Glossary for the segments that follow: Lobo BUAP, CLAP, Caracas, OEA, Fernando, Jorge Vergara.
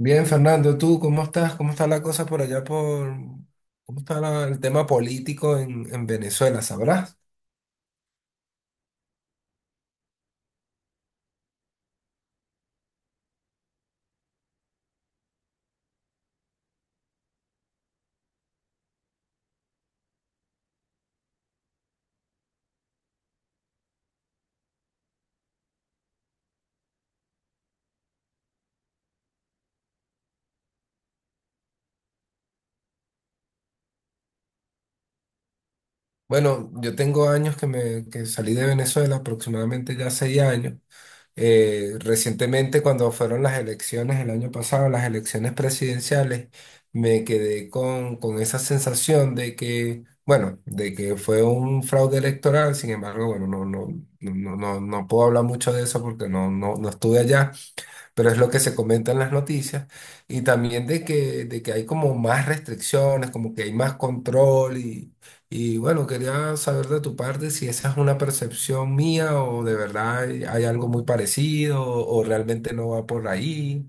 Bien, Fernando, ¿tú cómo estás? ¿Cómo está la cosa por allá por... ¿Cómo está el tema político en Venezuela? ¿Sabrás? Bueno, yo tengo años que me que salí de Venezuela, aproximadamente ya 6 años. Recientemente, cuando fueron las elecciones el año pasado, las elecciones presidenciales, me quedé con esa sensación de que, bueno, de que fue un fraude electoral. Sin embargo, bueno, no, no, no, no, no puedo hablar mucho de eso porque no, no, no estuve allá. Pero es lo que se comenta en las noticias, y también de que hay como más restricciones, como que hay más control, y bueno, quería saber de tu parte si esa es una percepción mía o de verdad hay, hay algo muy parecido o realmente no va por ahí.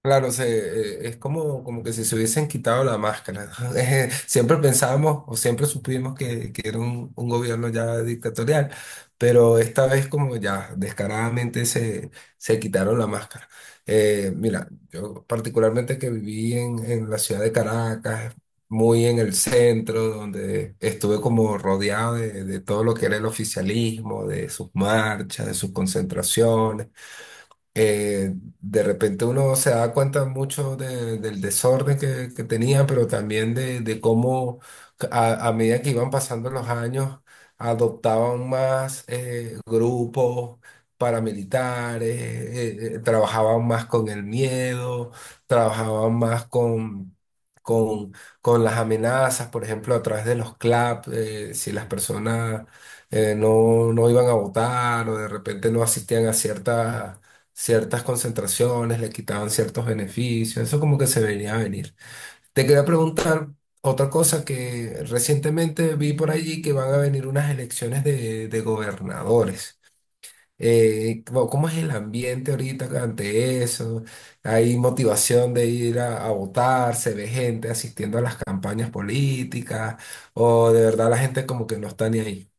Claro, se, es como, como que si se hubiesen quitado la máscara. Siempre pensábamos o siempre supimos que era un gobierno ya dictatorial, pero esta vez como ya descaradamente se, se quitaron la máscara. Mira, yo particularmente que viví en la ciudad de Caracas, muy en el centro, donde estuve como rodeado de todo lo que era el oficialismo, de sus marchas, de sus concentraciones, eh, de repente uno se da cuenta mucho del desorden que tenía, pero también de cómo a medida que iban pasando los años adoptaban más grupos paramilitares, trabajaban más con el miedo, trabajaban más con... Con, con las amenazas, por ejemplo, a través de los CLAP, si las personas no, no iban a votar o de repente no asistían a ciertas concentraciones, le quitaban ciertos beneficios, eso como que se venía a venir. Te quería preguntar otra cosa que recientemente vi por allí que van a venir unas elecciones de gobernadores. ¿Cómo es el ambiente ahorita ante eso? ¿Hay motivación de ir a votar? ¿Se ve gente asistiendo a las campañas políticas? ¿O de verdad la gente como que no está ni ahí?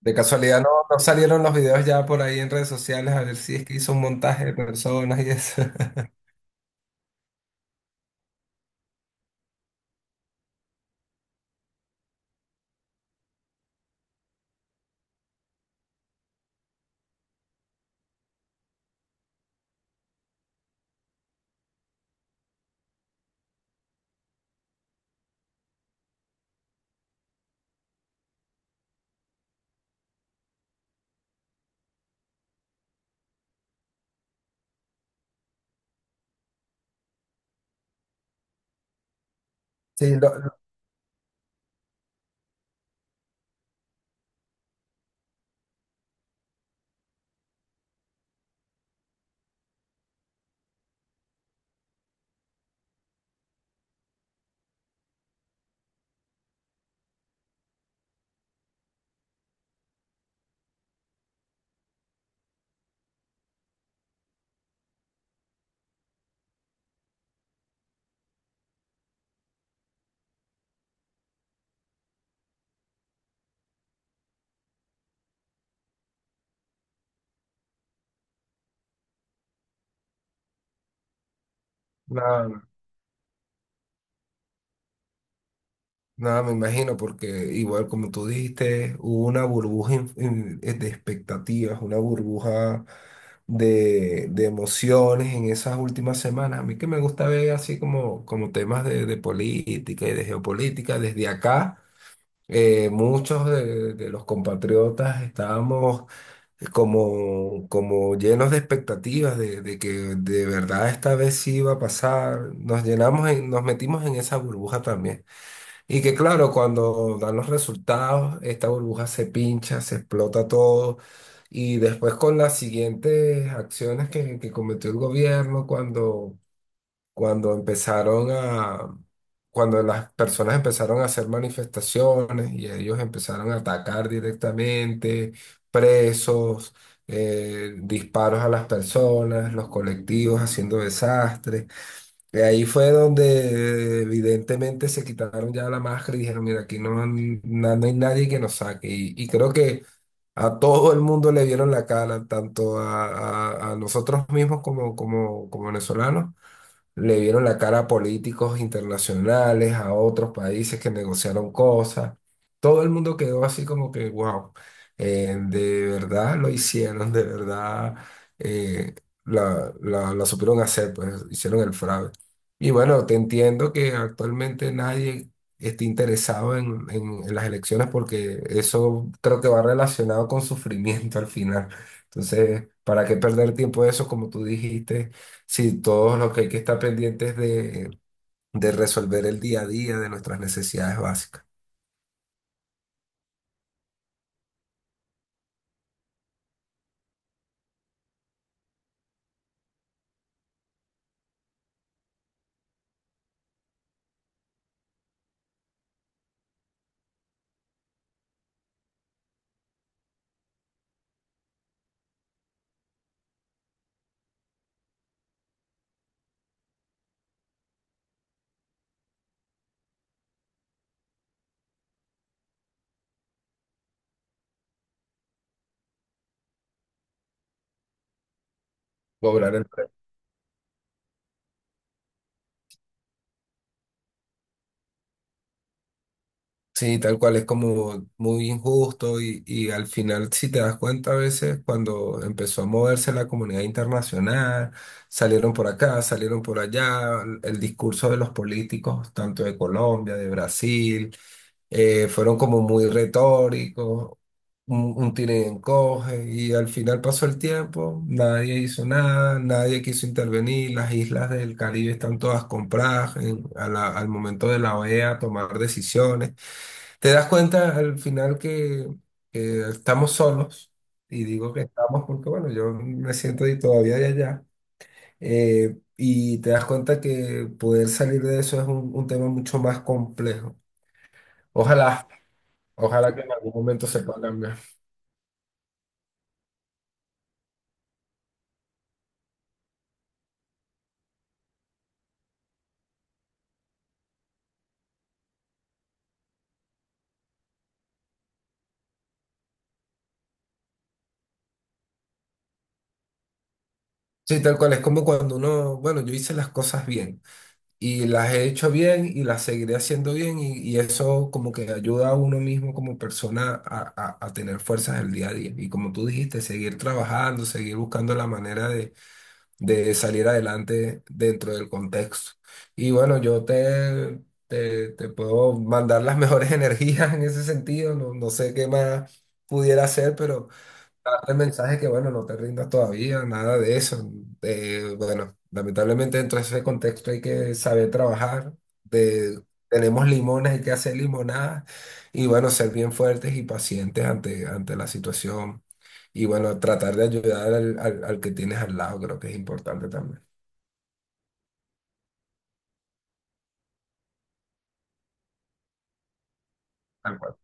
De casualidad no, no salieron los videos ya por ahí en redes sociales a ver si es que hizo un montaje de personas y eso. Sí, nada, nada, me imagino, porque igual como tú dijiste, hubo una burbuja de expectativas, una burbuja de emociones en esas últimas semanas. A mí que me gusta ver así como, como temas de política y de geopolítica desde acá. Muchos de los compatriotas estábamos como, como llenos de expectativas de que de verdad esta vez sí iba a pasar. Nos llenamos, nos metimos en esa burbuja también. Y que claro, cuando dan los resultados, esta burbuja se pincha, se explota todo. Y después con las siguientes acciones que cometió el gobierno, cuando, cuando empezaron a, cuando las personas empezaron a hacer manifestaciones y ellos empezaron a atacar directamente, presos, disparos a las personas, los colectivos haciendo desastres. De ahí fue donde evidentemente se quitaron ya la máscara y dijeron, mira, aquí no, no hay nadie que nos saque. Y creo que a todo el mundo le vieron la cara, tanto a, a nosotros mismos como, como, como venezolanos, le vieron la cara a políticos internacionales, a otros países que negociaron cosas. Todo el mundo quedó así como que, wow, de verdad lo hicieron, de verdad eh, la, la, la supieron hacer, pues hicieron el fraude. Y bueno, te entiendo que actualmente nadie esté interesado en, en las elecciones porque eso creo que va relacionado con sufrimiento al final. Entonces, ¿para qué perder tiempo de eso, como tú dijiste? Sí, todo lo que hay que estar pendientes de resolver el día a día de nuestras necesidades básicas. Cobrar el. Sí, tal cual, es como muy injusto y al final, si te das cuenta, a veces cuando empezó a moverse la comunidad internacional, salieron por acá, salieron por allá, el discurso de los políticos, tanto de Colombia, de Brasil, fueron como muy retóricos, un tira y encoge, y al final pasó el tiempo, nadie hizo nada, nadie quiso intervenir, las islas del Caribe están todas compradas al momento de la OEA tomar decisiones. Te das cuenta al final que estamos solos, y digo que estamos porque, bueno, yo me siento ahí todavía de allá, y te das cuenta que poder salir de eso es un tema mucho más complejo. Ojalá, ojalá que en algún momento se pueda cambiar. Sí, tal cual, es como cuando uno, bueno, yo hice las cosas bien. Y las he hecho bien y las seguiré haciendo bien y eso como que ayuda a uno mismo como persona a, a tener fuerzas el día a día. Y como tú dijiste, seguir trabajando, seguir buscando la manera de salir adelante dentro del contexto. Y bueno, yo te, te, te puedo mandar las mejores energías en ese sentido, no, no sé qué más pudiera hacer, pero darte el mensaje que, bueno, no te rindas todavía, nada de eso. Bueno, lamentablemente dentro de ese contexto hay que saber trabajar. De, tenemos limones, hay que hacer limonadas y, bueno, ser bien fuertes y pacientes ante, ante la situación. Y, bueno, tratar de ayudar al, al, al que tienes al lado, creo que es importante también. Tal cual.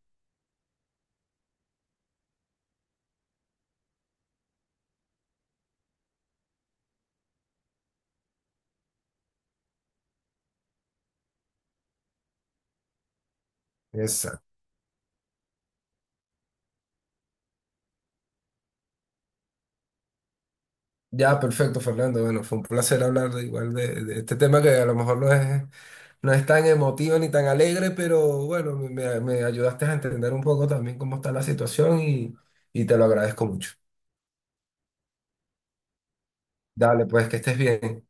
Exacto. Ya, perfecto, Fernando. Bueno, fue un placer hablar de, igual de este tema que a lo mejor lo es. No es tan emotivo ni tan alegre, pero bueno, me, me ayudaste a entender un poco también cómo está la situación y te lo agradezco mucho. Dale, pues que estés bien.